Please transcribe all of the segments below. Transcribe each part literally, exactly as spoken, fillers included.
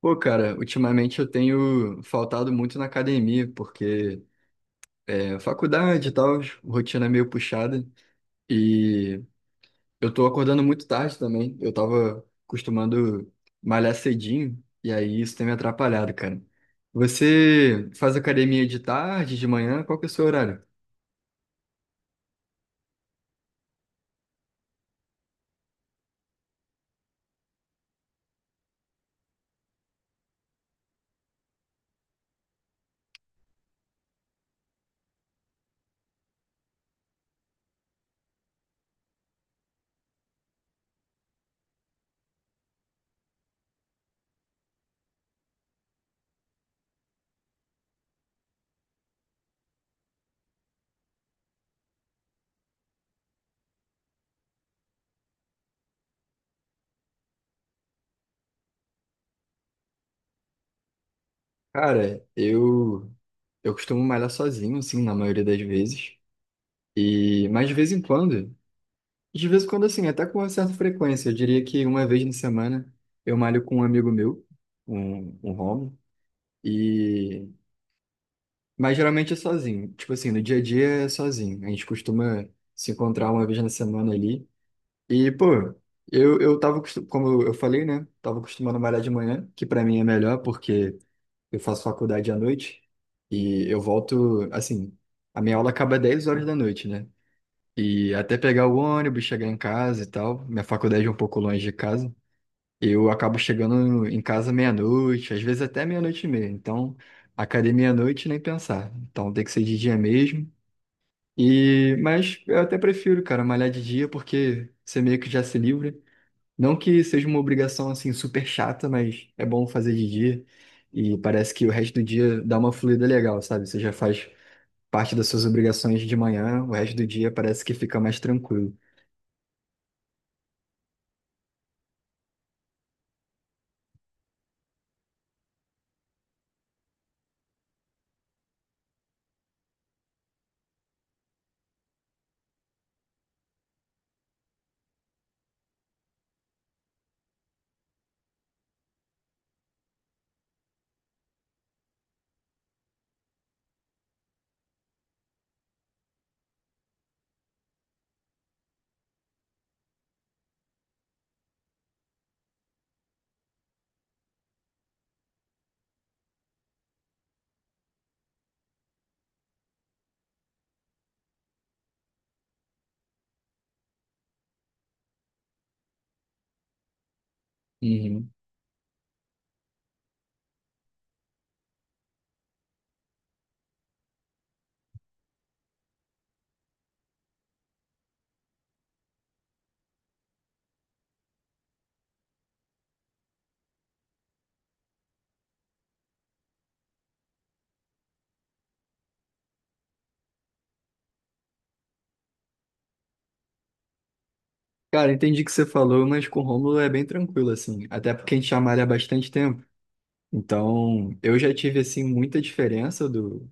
Pô, cara, ultimamente eu tenho faltado muito na academia, porque é, faculdade e tal, rotina meio puxada, e eu tô acordando muito tarde também. Eu tava costumando malhar cedinho, e aí isso tem me atrapalhado, cara. Você faz academia de tarde, de manhã? Qual que é o seu horário? Cara, eu eu costumo malhar sozinho, assim, na maioria das vezes. E, mas de vez em quando. De vez em quando, assim, até com uma certa frequência. Eu diria que uma vez na semana eu malho com um amigo meu, um, um homo, e... Mas geralmente é sozinho. Tipo assim, no dia a dia é sozinho. A gente costuma se encontrar uma vez na semana ali. E, pô, eu, eu tava, costu- como eu falei, né? Tava acostumando a malhar de manhã, que pra mim é melhor porque eu faço faculdade à noite e eu volto, assim, a minha aula acaba dez horas da noite, né? E até pegar o ônibus, chegar em casa e tal. Minha faculdade é um pouco longe de casa. Eu acabo chegando em casa meia-noite, às vezes até meia-noite e meia. Então, academia à noite nem pensar. Então, tem que ser de dia mesmo. E, mas eu até prefiro, cara, malhar de dia porque você meio que já se livra. Não que seja uma obrigação assim super chata, mas é bom fazer de dia. E parece que o resto do dia dá uma fluida legal, sabe? Você já faz parte das suas obrigações de manhã, o resto do dia parece que fica mais tranquilo. Uhum. Cara, entendi o que você falou, mas com o Rômulo é bem tranquilo, assim. Até porque a gente chama ele há bastante tempo. Então, eu já tive, assim, muita diferença do...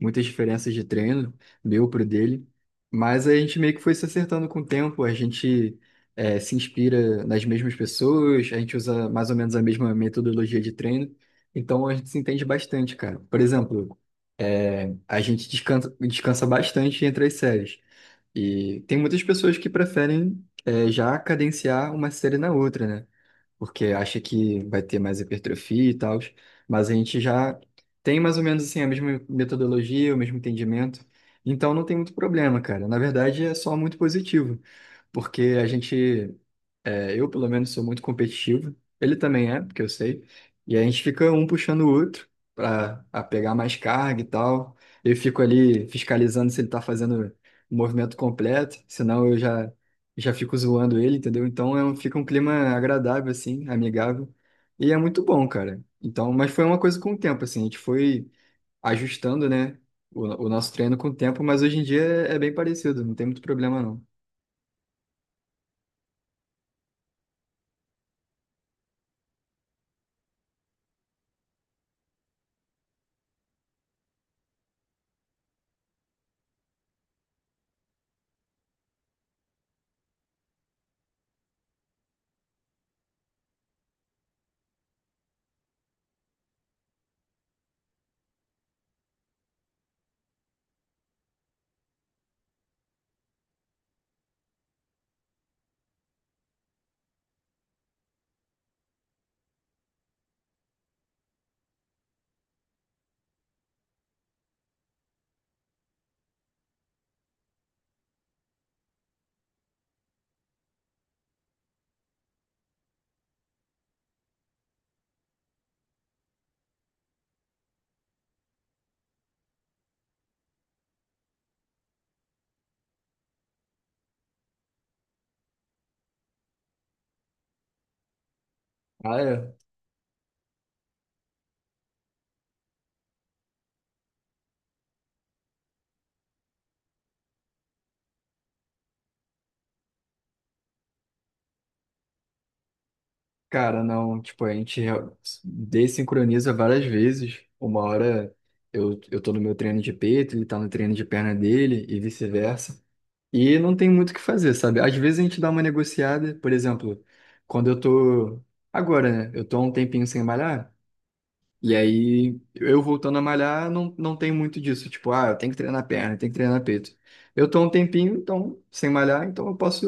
Muitas diferenças de treino, meu pro dele. Mas a gente meio que foi se acertando com o tempo. A gente é, se inspira nas mesmas pessoas. A gente usa mais ou menos a mesma metodologia de treino. Então, a gente se entende bastante, cara. Por exemplo, a gente descansa, descansa bastante entre as séries. E tem muitas pessoas que preferem é, já cadenciar uma série na outra, né? Porque acha que vai ter mais hipertrofia e tal, mas a gente já tem mais ou menos assim a mesma metodologia, o mesmo entendimento, então não tem muito problema, cara. Na verdade, é só muito positivo porque a gente, é, eu pelo menos sou muito competitivo, ele também é, porque eu sei, e a gente fica um puxando o outro para pegar mais carga e tal. Eu fico ali fiscalizando se ele tá fazendo o movimento completo, senão eu já, já fico zoando ele, entendeu? Então é um- fica um clima agradável, assim, amigável, e é muito bom, cara. Então, mas foi uma coisa com o tempo, assim, a gente foi ajustando, né, o, o nosso treino com o tempo, mas hoje em dia é, é bem parecido, não tem muito problema não. Ah, é? Cara, não, tipo, a gente real- dessincroniza várias vezes. Uma hora eu, eu tô no meu treino de peito, ele tá no treino de perna dele e vice-versa. E não tem muito o que fazer, sabe? Às vezes a gente dá uma negociada, por exemplo, quando eu tô. Agora, né? Eu tô há um tempinho sem malhar, e aí eu voltando a malhar, não, não tem muito disso. Tipo, ah, eu tenho que treinar perna, eu tenho que treinar peito. Eu tô há um tempinho, então, sem malhar, então eu posso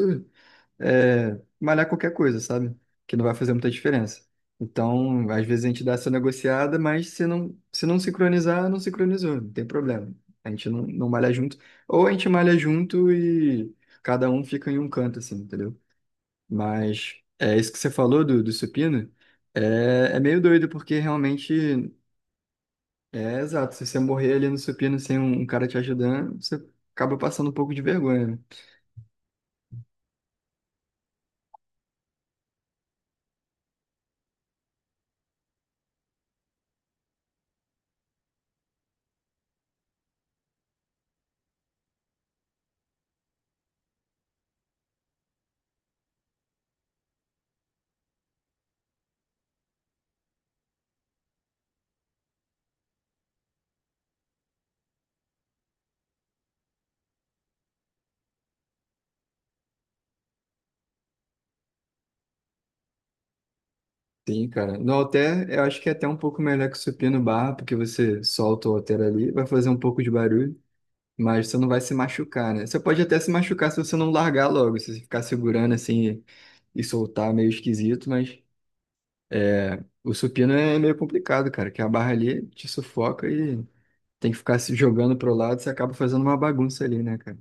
é, malhar qualquer coisa, sabe? Que não vai fazer muita diferença. Então, às vezes a gente dá essa negociada, mas se não, se não sincronizar, não sincronizou, não tem problema. A gente não, não malha junto. Ou a gente malha junto e cada um fica em um canto, assim, entendeu? Mas é isso que você falou do, do supino, é, é meio doido, porque realmente é exato. Se você morrer ali no supino sem um, um cara te ajudando, você acaba passando um pouco de vergonha, né? Sim, cara. No halter, eu acho que é até um pouco melhor que o supino barra, porque você solta o halter ali, vai fazer um pouco de barulho, mas você não vai se machucar, né? Você pode até se machucar se você não largar logo, se você ficar segurando assim e, e soltar meio esquisito, mas é, o supino é meio complicado, cara, que a barra ali te sufoca e tem que ficar se jogando pro lado, você acaba fazendo uma bagunça ali, né, cara?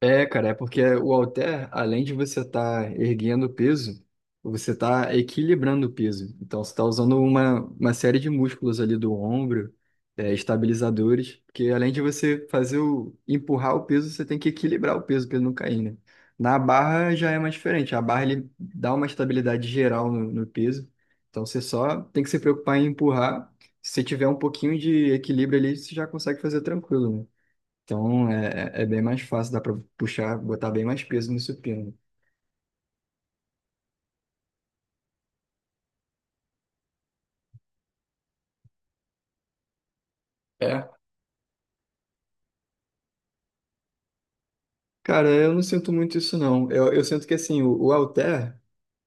É, cara, é porque o halter, além de você estar erguendo o peso, você está equilibrando o peso. Então, você está usando uma, uma série de músculos ali do ombro, é, estabilizadores, porque além de você fazer o, empurrar o peso, você tem que equilibrar o peso para ele não cair, né? Na barra já é mais diferente. A barra, ele dá uma estabilidade geral no, no peso. Então, você só tem que se preocupar em empurrar. Se você tiver um pouquinho de equilíbrio ali, você já consegue fazer tranquilo, né? Então é, é é bem mais fácil, dá para puxar, botar bem mais peso no supino. É. Cara, eu não sinto muito isso não. Eu, eu sinto que assim, o, o halter,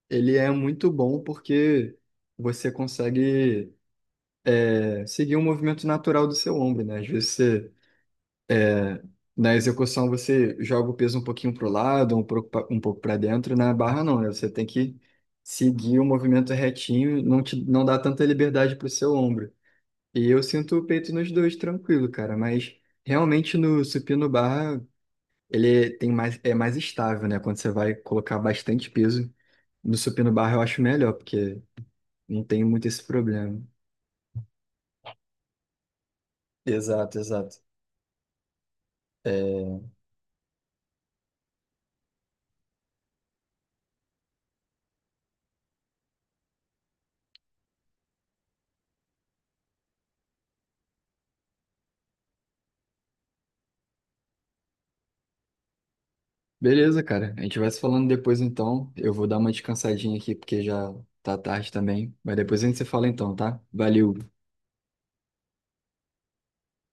ele é muito bom porque você consegue é, seguir o movimento natural do seu ombro, né? Às vezes você, na execução você joga o peso um pouquinho para o lado, um pouco pra- um pouco para dentro, na barra não, né? Você tem que seguir o movimento retinho, não te, não dá tanta liberdade para o seu ombro. E eu sinto o peito nos dois tranquilo, cara, mas realmente no supino barra ele tem mais, é mais estável, né? Quando você vai colocar bastante peso no supino barra eu acho melhor, porque não tem muito esse problema. Exato, exato. Beleza, cara. A gente vai se falando depois então. Eu vou dar uma descansadinha aqui porque já tá tarde também, mas depois a gente se fala então, tá? Valeu.